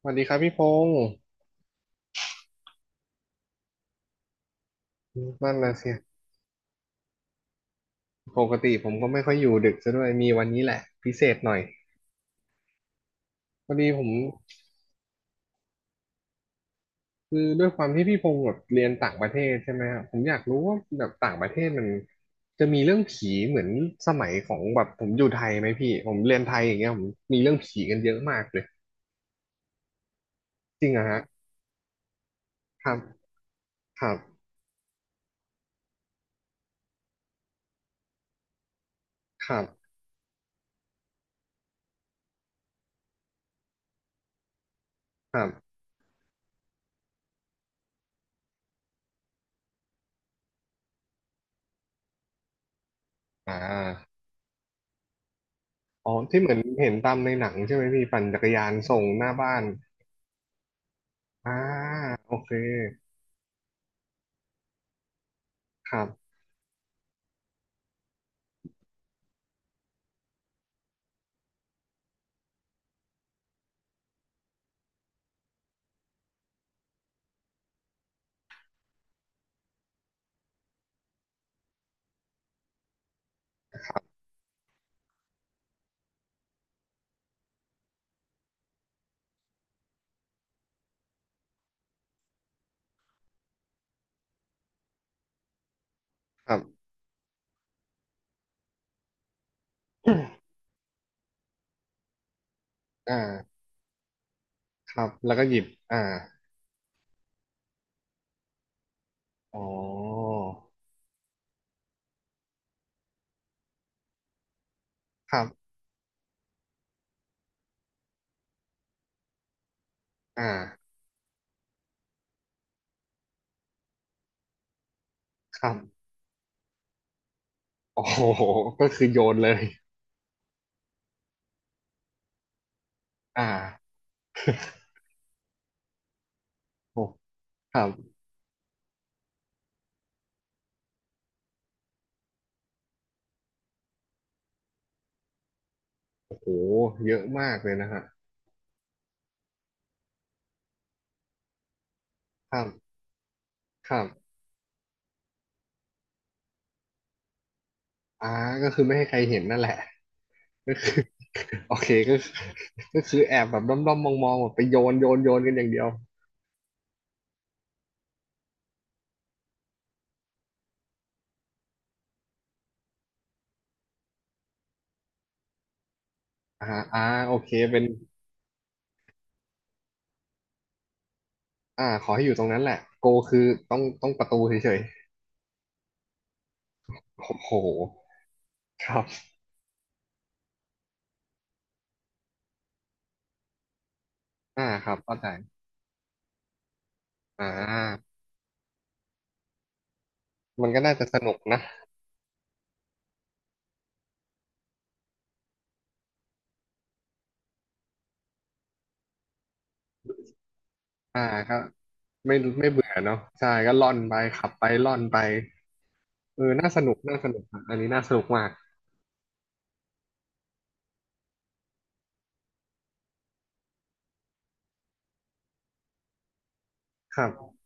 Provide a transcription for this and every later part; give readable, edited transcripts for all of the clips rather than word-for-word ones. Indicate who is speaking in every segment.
Speaker 1: สวัสดีครับพี่พงศ์นั่นนะสิปกติผมก็ไม่ค่อยอยู่ดึกซะด้วยมีวันนี้แหละพิเศษหน่อยพอดีผมคือด้วยความที่พี่พงศ์แบบเรียนต่างประเทศใช่ไหมครับผมอยากรู้ว่าแบบต่างประเทศมันจะมีเรื่องผีเหมือนสมัยของแบบผมอยู่ไทยไหมพี่ผมเรียนไทยอย่างเงี้ยผมมีเรื่องผีกันเยอะมากเลยจริงเหรอะฮะครับครับครับครับอ่าอ๋อที่เหมือนเห็นตามในหนังใช่ไหมพี่ปั่นจักรยานส่งหน้าบ้านอ่าโอเคครับครับอ่า ครับแล้วก็หยิบอ่าอ๋อครับอ่าครับโอ้โหก็คือโยนเลยอ่าโอ้ครับโอ้โหเยอะมากเลยนะฮะครับครับอ่าก็คือไม่ให้ใครเห็นนั่นแหละก็คือ โอเคก็คือก็คือแอบแบบด้อมๆมองๆแบบไปโยนโยนโยนกันอย่างเดียวอ่าอ่าโอเคเป็นอ่าขอให้อยู่ตรงนั้นแหละโกคือต้องต้องประตูเฉยๆโอ้โหครับอ่าครับเข้าใจอ่ามันก็น่าจะสนุกนะ อ่าก็ไม่ไม่เบื่อเนาะใช่ก็ล่อนไปขับไปล่อนไปเออน่าสนุกน่าสนุกอะอันนี้น่าสนุกมากครับ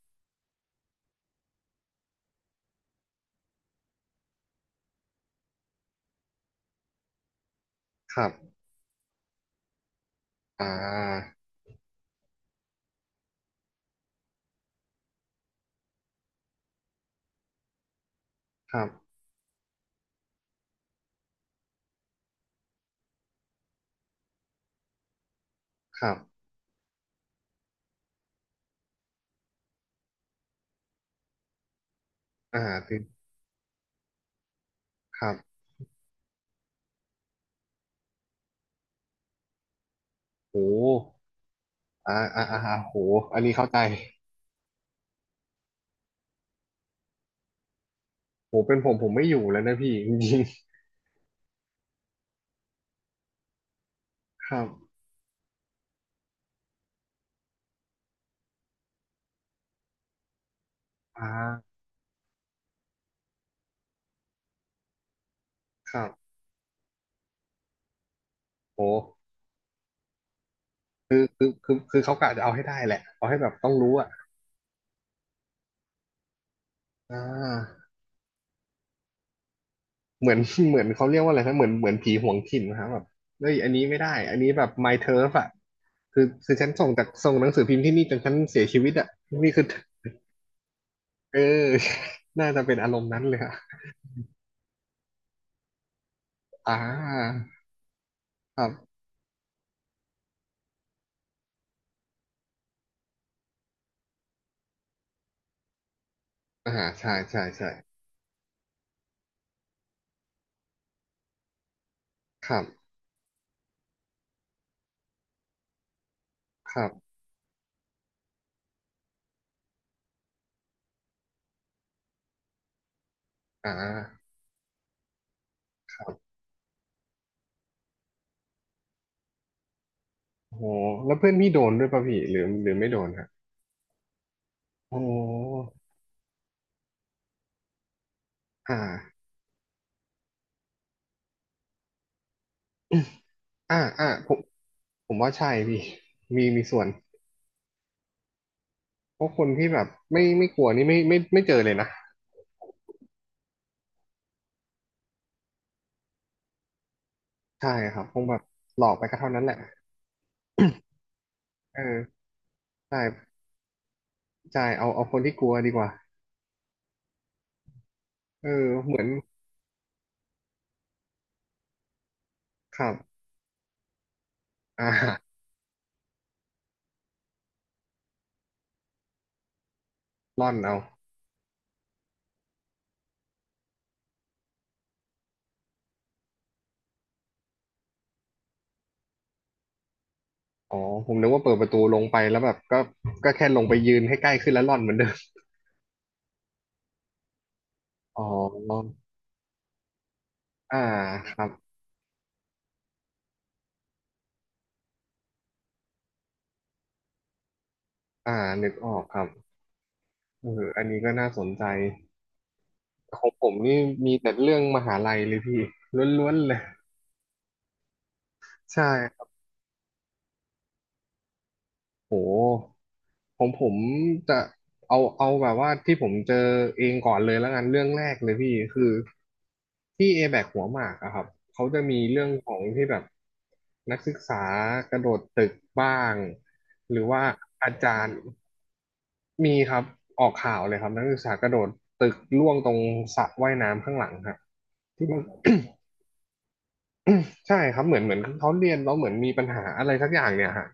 Speaker 1: ครับอ่าครับครับอ่าติดครับโหอ่าอ่าอ่าอ่าโหอันนี้เข้าใจโหเป็นผมผมไม่อยู่แล้วนะพี่จริงๆครับอ่าครับโหคือคือคือคือเขากะจะเอาให้ได้แหละเอาให้แบบต้องรู้อ่ะอ่า เหมือน เหมือนเขาเรียกว่าอะไรนะเหมือนเหมือนผีหวงถิ่นนะครับแบบเฮ้ยอันนี้ไม่ได้อันนี้แบบ my turf อ่ะคือคือฉันส่งจากส่งหนังสือพิมพ์ที่นี่จนฉันเสียชีวิตอ่ะนี่คือเออ น่าจะเป็นอารมณ์นั้นเลยอะอ่าครับอ่าใช่ใช่ใช่ครับครับอ่าครับโอ้โหแล้วเพื่อนพี่โดนด้วยป่ะพี่หรือหรือไม่โดนฮะโอ้โหอ่า อ่าอ่าผมผมว่าใช่พี่มีมีส่วนเพราะคนที่แบบไม่ไม่กลัวนี่ไม่ไม่ไม่เจอเลยนะ ใช่ครับคงแบบหลอกไปก็เท่านั้นแหละเออใช่ใช่เอาเอาคนที่กลัวดีกว่าเออเหมือนครับอ่าร่อนเอาอ๋อผมนึกว่าเปิดประตูลงไปแล้วแบบก็ก็แค่ลงไปยืนให้ใกล้ขึ้นแล้วร่อนเหมือนเดิมอ๋ออ่าครับอ่านึกออกครับเอออันนี้ก็น่าสนใจของผมนี่มีแต่เรื่องมหาลัยเลยพี่ล้วนๆเลยใช่ครับโห ผมผมจะเอาเอาแบบว่าที่ผมเจอเองก่อนเลยแล้วกันเรื่องแรกเลยพี่คือที่เอแบกหัวหมากอะครับเขาจะมีเรื่องของที่แบบนักศึกษากระโดดตึกบ้างหรือว่าอาจารย์มีครับออกข่าวเลยครับนักศึกษากระโดดตึกล่วงตรงสระว่ายน้ำข้างหลังฮะที่มัน ใช่ครับเหมือนเหมือนเขาเรียนแล้วเหมือนมีปัญหาอะไรสักอย่างเนี่ยฮะ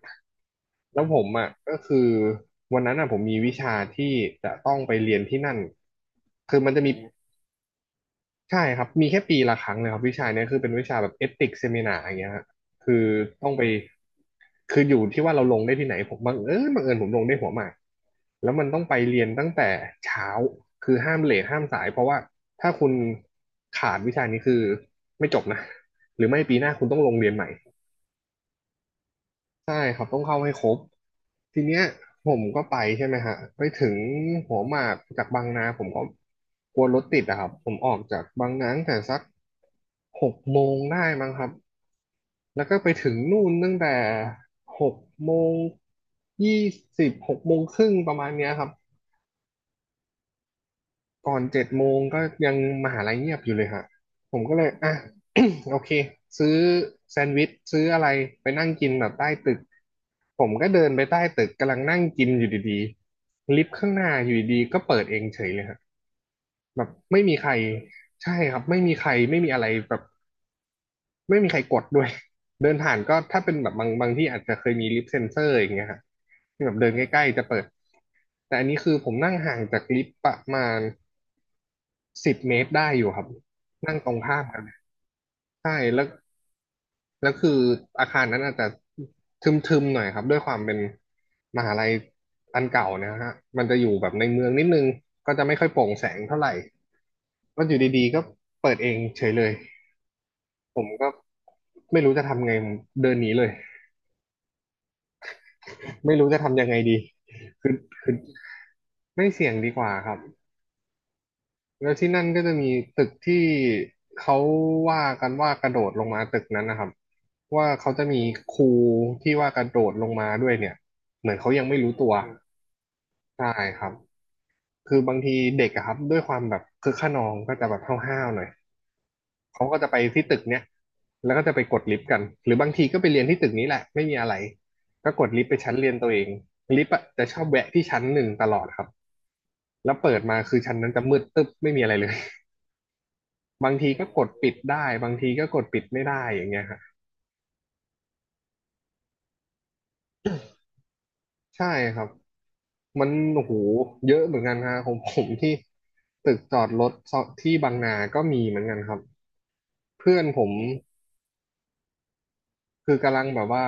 Speaker 1: แล้วผมอ่ะก็คือวันนั้นอ่ะผมมีวิชาที่จะต้องไปเรียนที่นั่นคือมันจะมีใช่ครับมีแค่ปีละครั้งเลยครับวิชาเนี้ยคือเป็นวิชาแบบเอติกเซมินาอย่างเงี้ยฮะคือต้องไปคืออยู่ที่ว่าเราลงได้ที่ไหนผมบังเอิญผมลงได้หัวหมากแล้วมันต้องไปเรียนตั้งแต่เช้าคือห้ามเลทห้ามสายเพราะว่าถ้าคุณขาดวิชานี้คือไม่จบนะหรือไม่ปีหน้าคุณต้องลงเรียนใหม่ ใช่ครับต้องเข้าให้ครบทีเนี้ยผมก็ไปใช่ไหมฮะไปถึงหัวหมากจากบางนาผมก็กลัวรถติดอะครับผมออกจากบางนาตั้งแต่สักหกโมงได้มั้งครับแล้วก็ไปถึงนู่นตั้งแต่หกโมงยี่สิบหกโมงครึ่งประมาณเนี้ยครับ ก่อนเจ็ดโมงก็ยังมหาลัยเงียบอยู่เลยฮะผมก็เลยอ่ะ โอเคซื้อแซนด์วิชซื้ออะไรไปนั่งกินแบบใต้ตึกผมก็เดินไปใต้ตึกกำลังนั่งกินอยู่ดีๆลิฟต์ข้างหน้าอยู่ดีๆก็เปิดเองเฉยเลยฮะแบบไม่มีใครใช่ครับไม่มีใครไม่มีอะไรแบบไม่มีใครกดด้วย เดินผ่านก็ถ้าเป็นแบบบางบางที่อาจจะเคยมีลิฟต์เซ็นเซอร์อย่างเงี้ยฮะที่แบบเดินใกล้ๆจะเปิดแต่อันนี้คือผมนั่งห่างจากลิฟต์ประมาณ 10 เมตรได้อยู่ครับนั่งตรงข้ามกันเใช่แล้วแล้วคืออาคารนั้นอาจจะทึมๆหน่อยครับด้วยความเป็นมหาลัยอันเก่าเนะฮะมันจะอยู่แบบในเมืองนิดนึงก็จะไม่ค่อยโปร่งแสงเท่าไหร่ก็อยู่ดีๆก็เปิดเองเฉยเลยผมก็ไม่รู้จะทำไงผมเดินหนีเลยไม่รู้จะทำยังไงดีคือคือไม่เสี่ยงดีกว่าครับ แล้วที่นั่นก็จะมีตึกที่เขาว่ากันว่ากระโดดลงมาตึกนั้นนะครับว่าเขาจะมีครูที่ว่ากระโดดลงมาด้วยเนี่ยเหมือนเขายังไม่รู้ตัวอืมใช่ครับคือบางทีเด็กอะครับด้วยความแบบคึกคะนองก็จะแบบห้าวๆหน่อยเขาก็จะไปที่ตึกเนี้ยแล้วก็จะไปกดลิฟต์กันหรือบางทีก็ไปเรียนที่ตึกนี้แหละไม่มีอะไรก็กดลิฟต์ไปชั้นเรียนตัวเองลิฟต์อะจะชอบแวะที่ชั้นหนึ่งตลอดครับแล้วเปิดมาคือชั้นนั้นจะมืดตึ๊บไม่มีอะไรเลย บางทีก็กดปิดได้บางทีก็กดปิดไม่ได้อย่างเงี้ยฮะใช่ครับมันโอ้โหเยอะเหมือนกันฮะของผมที่ตึกจอดรถที่บางนาก็มีเหมือนกันครับเพื่อนผม คือกำลังแบบว่า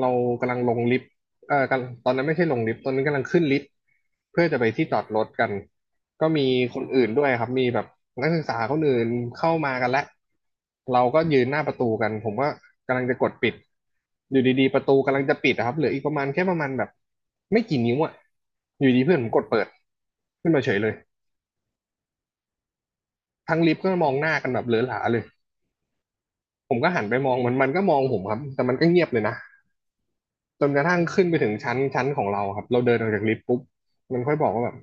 Speaker 1: เรากำลังลงลิฟต์เออกำลังตอนนั้นไม่ใช่ลงลิฟต์ตอนนั้นกำลังขึ้นลิฟต์เพื่อจะไปที่จอดรถกันก็มีคนอื่นด้วยครับมีแบบนักศึกษาคนอื่นเข้ามากันแล้วเราก็ยืนหน้าประตูกันผมก็กำลังจะกดปิดอยู่ดีๆประตูกำลังจะปิดอะครับเหลืออีกประมาณแค่ประมาณแบบไม่กี่นิ้วอะอยู่ดีเพื่อนผมกดเปิดขึ้นมาเฉยเลยทั้งลิฟต์ก็มองหน้ากันแบบเหลือหลาเลยผมก็หันไปมองมันมันก็มองผมครับแต่มันก็เงียบเลยนะ จนกระทั่งขึ้นไปถึงชั้นของเราครับ เราเดินออกจากลิฟต์ปุ๊บ มันค่อยบอกว่าแบบ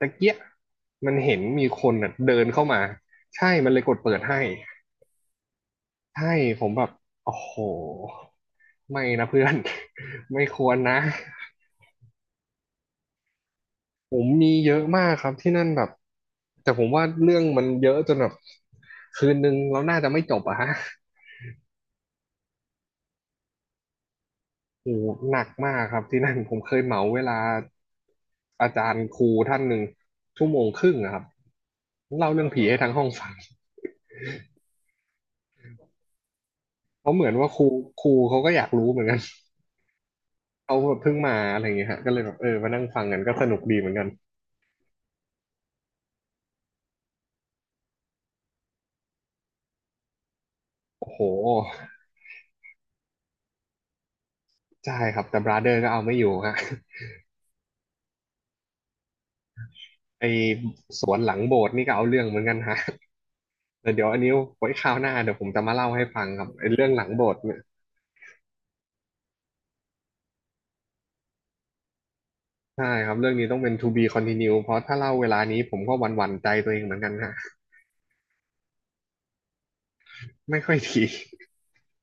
Speaker 1: ตะเกียะมันเห็นมีคนน่ะเดินเข้ามา ใช่ มันเลยกดเปิดให้ ใช่ ผมแบบโอ้โห ไม่นะเพื่อน ไม่ควรนะ ผมมีเยอะมากครับที่นั่นแบบ แต่ผมว่าเรื่องมันเยอะจนแบบคืนนึงเราน่าจะไม่จบอะฮะ โอ้โหหนักมากครับที่นั่นผมเคยเหมาเวลาอาจารย์ครูท่านหนึ่งชั่วโมงครึ่งอะครับเล่าเรื่องผีให้ทั้งห้องฟังเพราะเหมือนว่าครูเขาก็อยากรู้เหมือนกัน เขาแบบเพิ่งมาอะไรอย่างเงี้ยฮะก็เลยแบบเออมานั่งฟังกันก็สนุกดีเหมือนกันโอ้โหใช่ครับแต่บราเดอร์ก็เอาไม่อยู่ฮะ ไอสวนหลังโบสถ์นี่ก็เอาเรื่องเหมือนกันฮะแต่เดี๋ยวอันนี้ไว้คราวหน้าเดี๋ยวผมจะมาเล่าให้ฟังครับไอเรื่องหลังโบสถ์เนี่ยใช่ครับเรื่องนี้ต้องเป็น to be continue เพราะถ้าเล่าเวลานี้ผมก็หวั่นๆใจตัวเองเหมือนกันฮะ ไม่ค่อยดี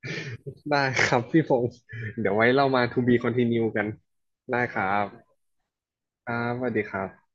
Speaker 1: ได้ครับพี่พงศ์เดี๋ยวไว้เรามา to be continue กันได้ครับครับสวัสดีครับ